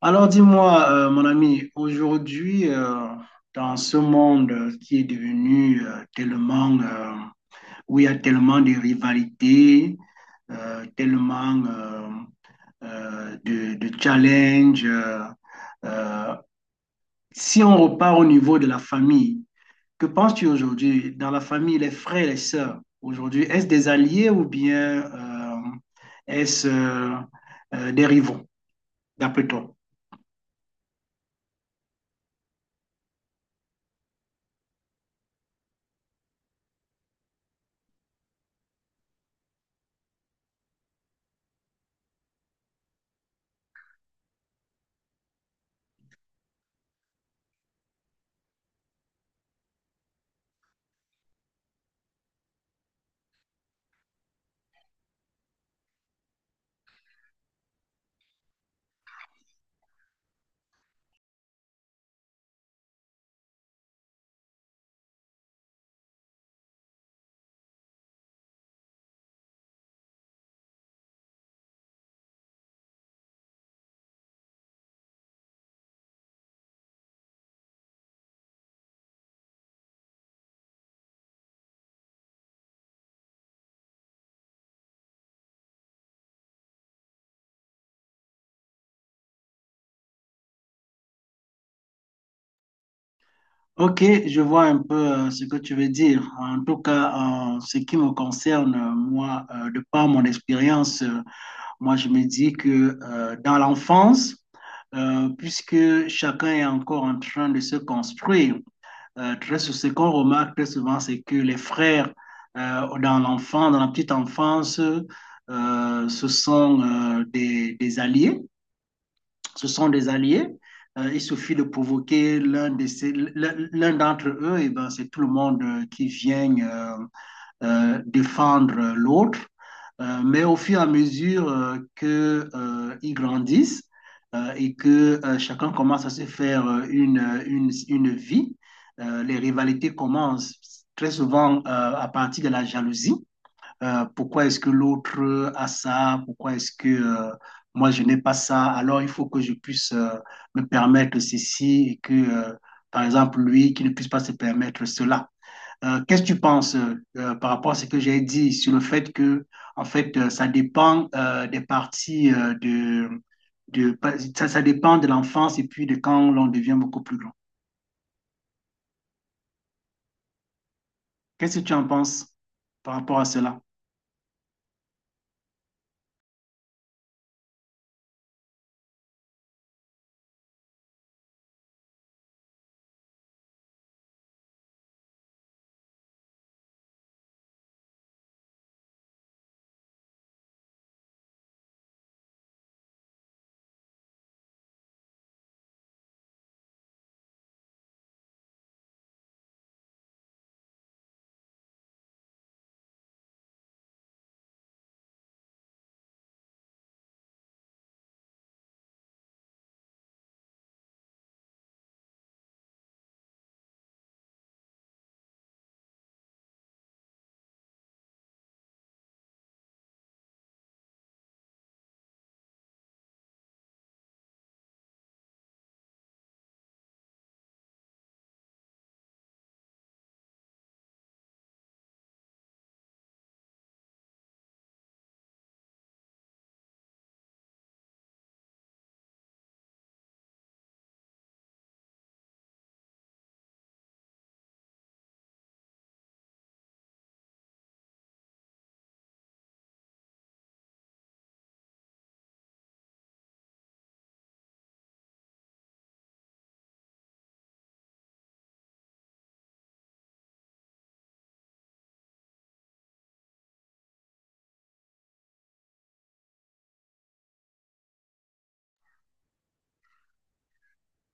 Alors dis-moi, mon ami, aujourd'hui, dans ce monde qui est devenu tellement, où il y a tellement de rivalités, tellement de challenges, euh, si on repart au niveau de la famille, que penses-tu aujourd'hui dans la famille, les frères et les sœurs, aujourd'hui, est-ce des alliés ou bien est-ce des rivaux, d'après toi? Ok, je vois un peu ce que tu veux dire. En tout cas, en ce qui me concerne, moi, de par mon expérience, moi, je me dis que dans l'enfance, puisque chacun est encore en train de se construire, ce qu'on remarque très souvent, c'est que les frères dans la petite enfance, ce sont des alliés, ce sont des alliés. Il suffit de provoquer l'un d'entre eux, et ben c'est tout le monde qui vient défendre l'autre. Mais au fur et à mesure que ils grandissent et que chacun commence à se faire une vie, les rivalités commencent très souvent à partir de la jalousie. Pourquoi est-ce que l'autre a ça? Pourquoi est-ce que moi je n'ai pas ça? Alors il faut que je puisse me permettre ceci et que, par exemple, lui qui ne puisse pas se permettre cela. Qu'est-ce que tu penses par rapport à ce que j'ai dit sur le fait que, ça dépend des parties de, ça dépend de l'enfance et puis de quand l'on devient beaucoup plus grand. Qu'est-ce que tu en penses par rapport à cela?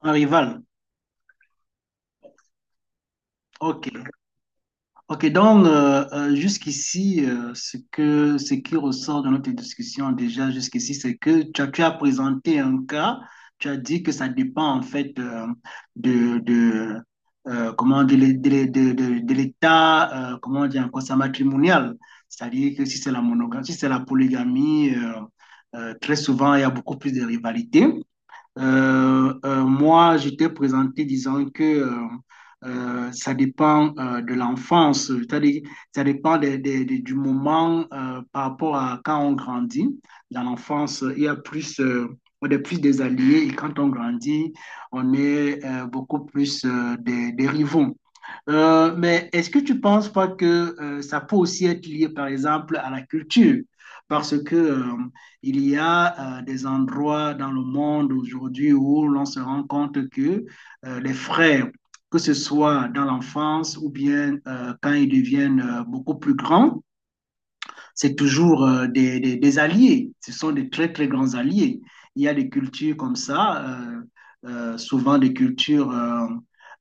Un rival. Ok. Ok, donc jusqu'ici, ce qui ressort de notre discussion déjà jusqu'ici, c'est que tu as présenté un cas, tu as dit que ça dépend en fait de comment de l'état, comment dire encore ça, matrimonial. C'est-à-dire que si c'est la monogamie, si c'est la polygamie, très souvent il y a beaucoup plus de rivalités. Moi, je t'ai présenté disant que ça dépend de l'enfance, c'est-à-dire ça dépend du moment par rapport à quand on grandit. Dans l'enfance, il y a plus, on est plus des alliés et quand on grandit, on est beaucoup plus des rivaux. Mais est-ce que tu ne penses pas que ça peut aussi être lié, par exemple, à la culture? Parce que, il y a des endroits dans le monde aujourd'hui où l'on se rend compte que les frères, que ce soit dans l'enfance ou bien quand ils deviennent beaucoup plus grands, c'est toujours alliés. Ce sont des très, très grands alliés. Il y a des cultures comme ça, souvent des cultures euh,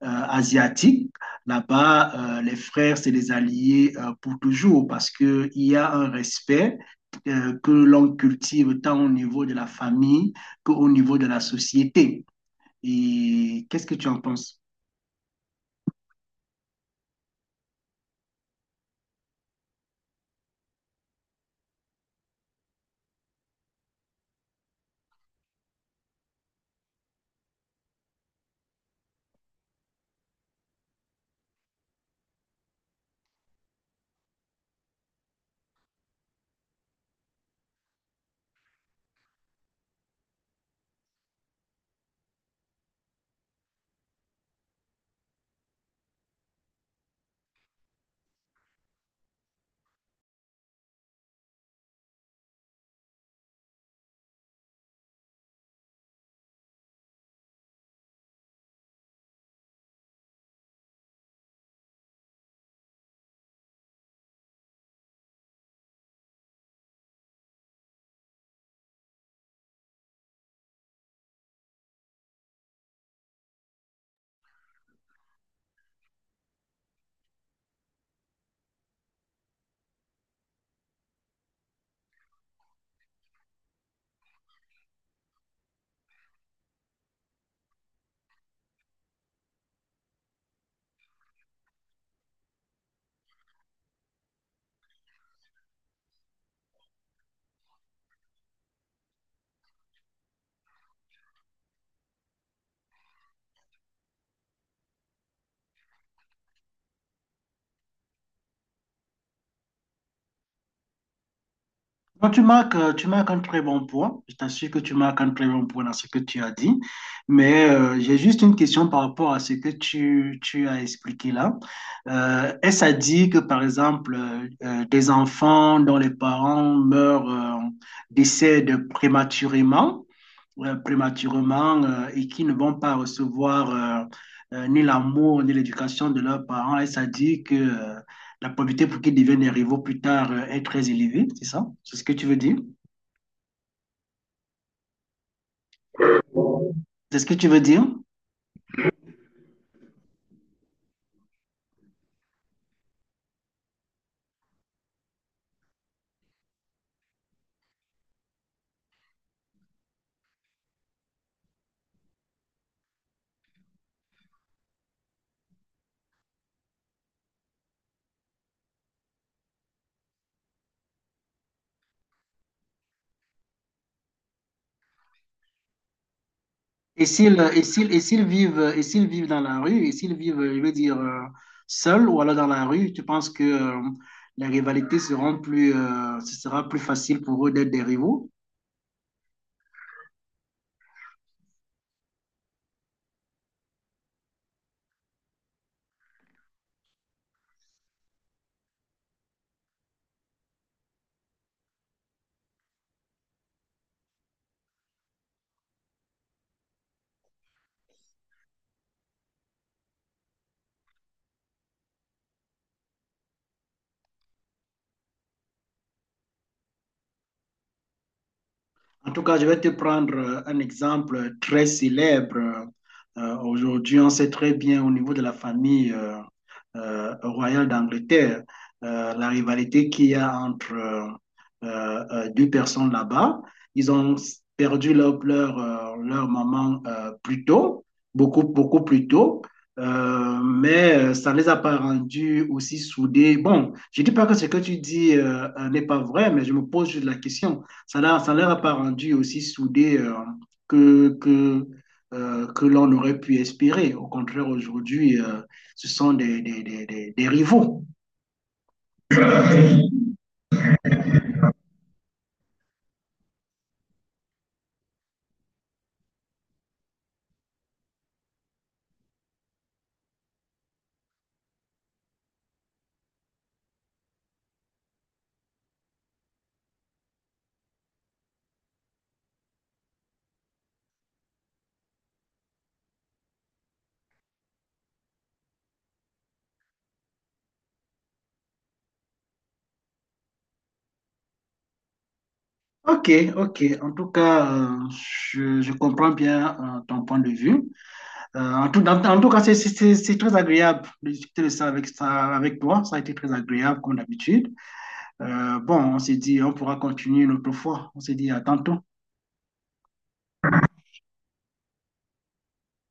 euh, asiatiques. Là-bas, les frères, c'est des alliés pour toujours parce qu'il y a un respect que l'on cultive tant au niveau de la famille qu'au niveau de la société. Et qu'est-ce que tu en penses? Non, tu marques un très bon point. Je t'assure que tu marques un très bon point dans ce que tu as dit. Mais j'ai juste une question par rapport à ce que tu as expliqué là. Est-ce à dire que, par exemple, des enfants dont les parents meurent, décèdent prématurément, et qui ne vont pas recevoir ni l'amour ni l'éducation de leurs parents. Et ça dit que la probabilité pour qu'ils deviennent des rivaux plus tard est très élevée, c'est ça? C'est ce que tu veux dire? C'est ce que tu veux dire? Et s'ils vivent, et s'ils vivent dans la rue, et s'ils vivent, je veux dire, seuls ou alors dans la rue, tu penses que les rivalités seront plus, ce sera plus facile pour eux d'être des rivaux? En tout cas, je vais te prendre un exemple très célèbre. Aujourd'hui, on sait très bien au niveau de la famille royale d'Angleterre, la rivalité qu'il y a entre deux personnes là-bas. Ils ont perdu leur maman plus tôt, beaucoup, beaucoup plus tôt. Mais ça ne les a pas rendus aussi soudés. Bon, je ne dis pas que ce que tu dis n'est pas vrai, mais je me pose juste la question. Ça ne leur a pas rendu aussi soudé que, que, que l'on aurait pu espérer. Au contraire, aujourd'hui, ce sont des rivaux. Ok, ok. En tout cas, je comprends bien ton point de vue. En tout cas, c'est très agréable de discuter ça avec toi. Ça a été très agréable, comme d'habitude. Bon, on s'est dit, on pourra continuer une autre fois. On s'est dit à tantôt.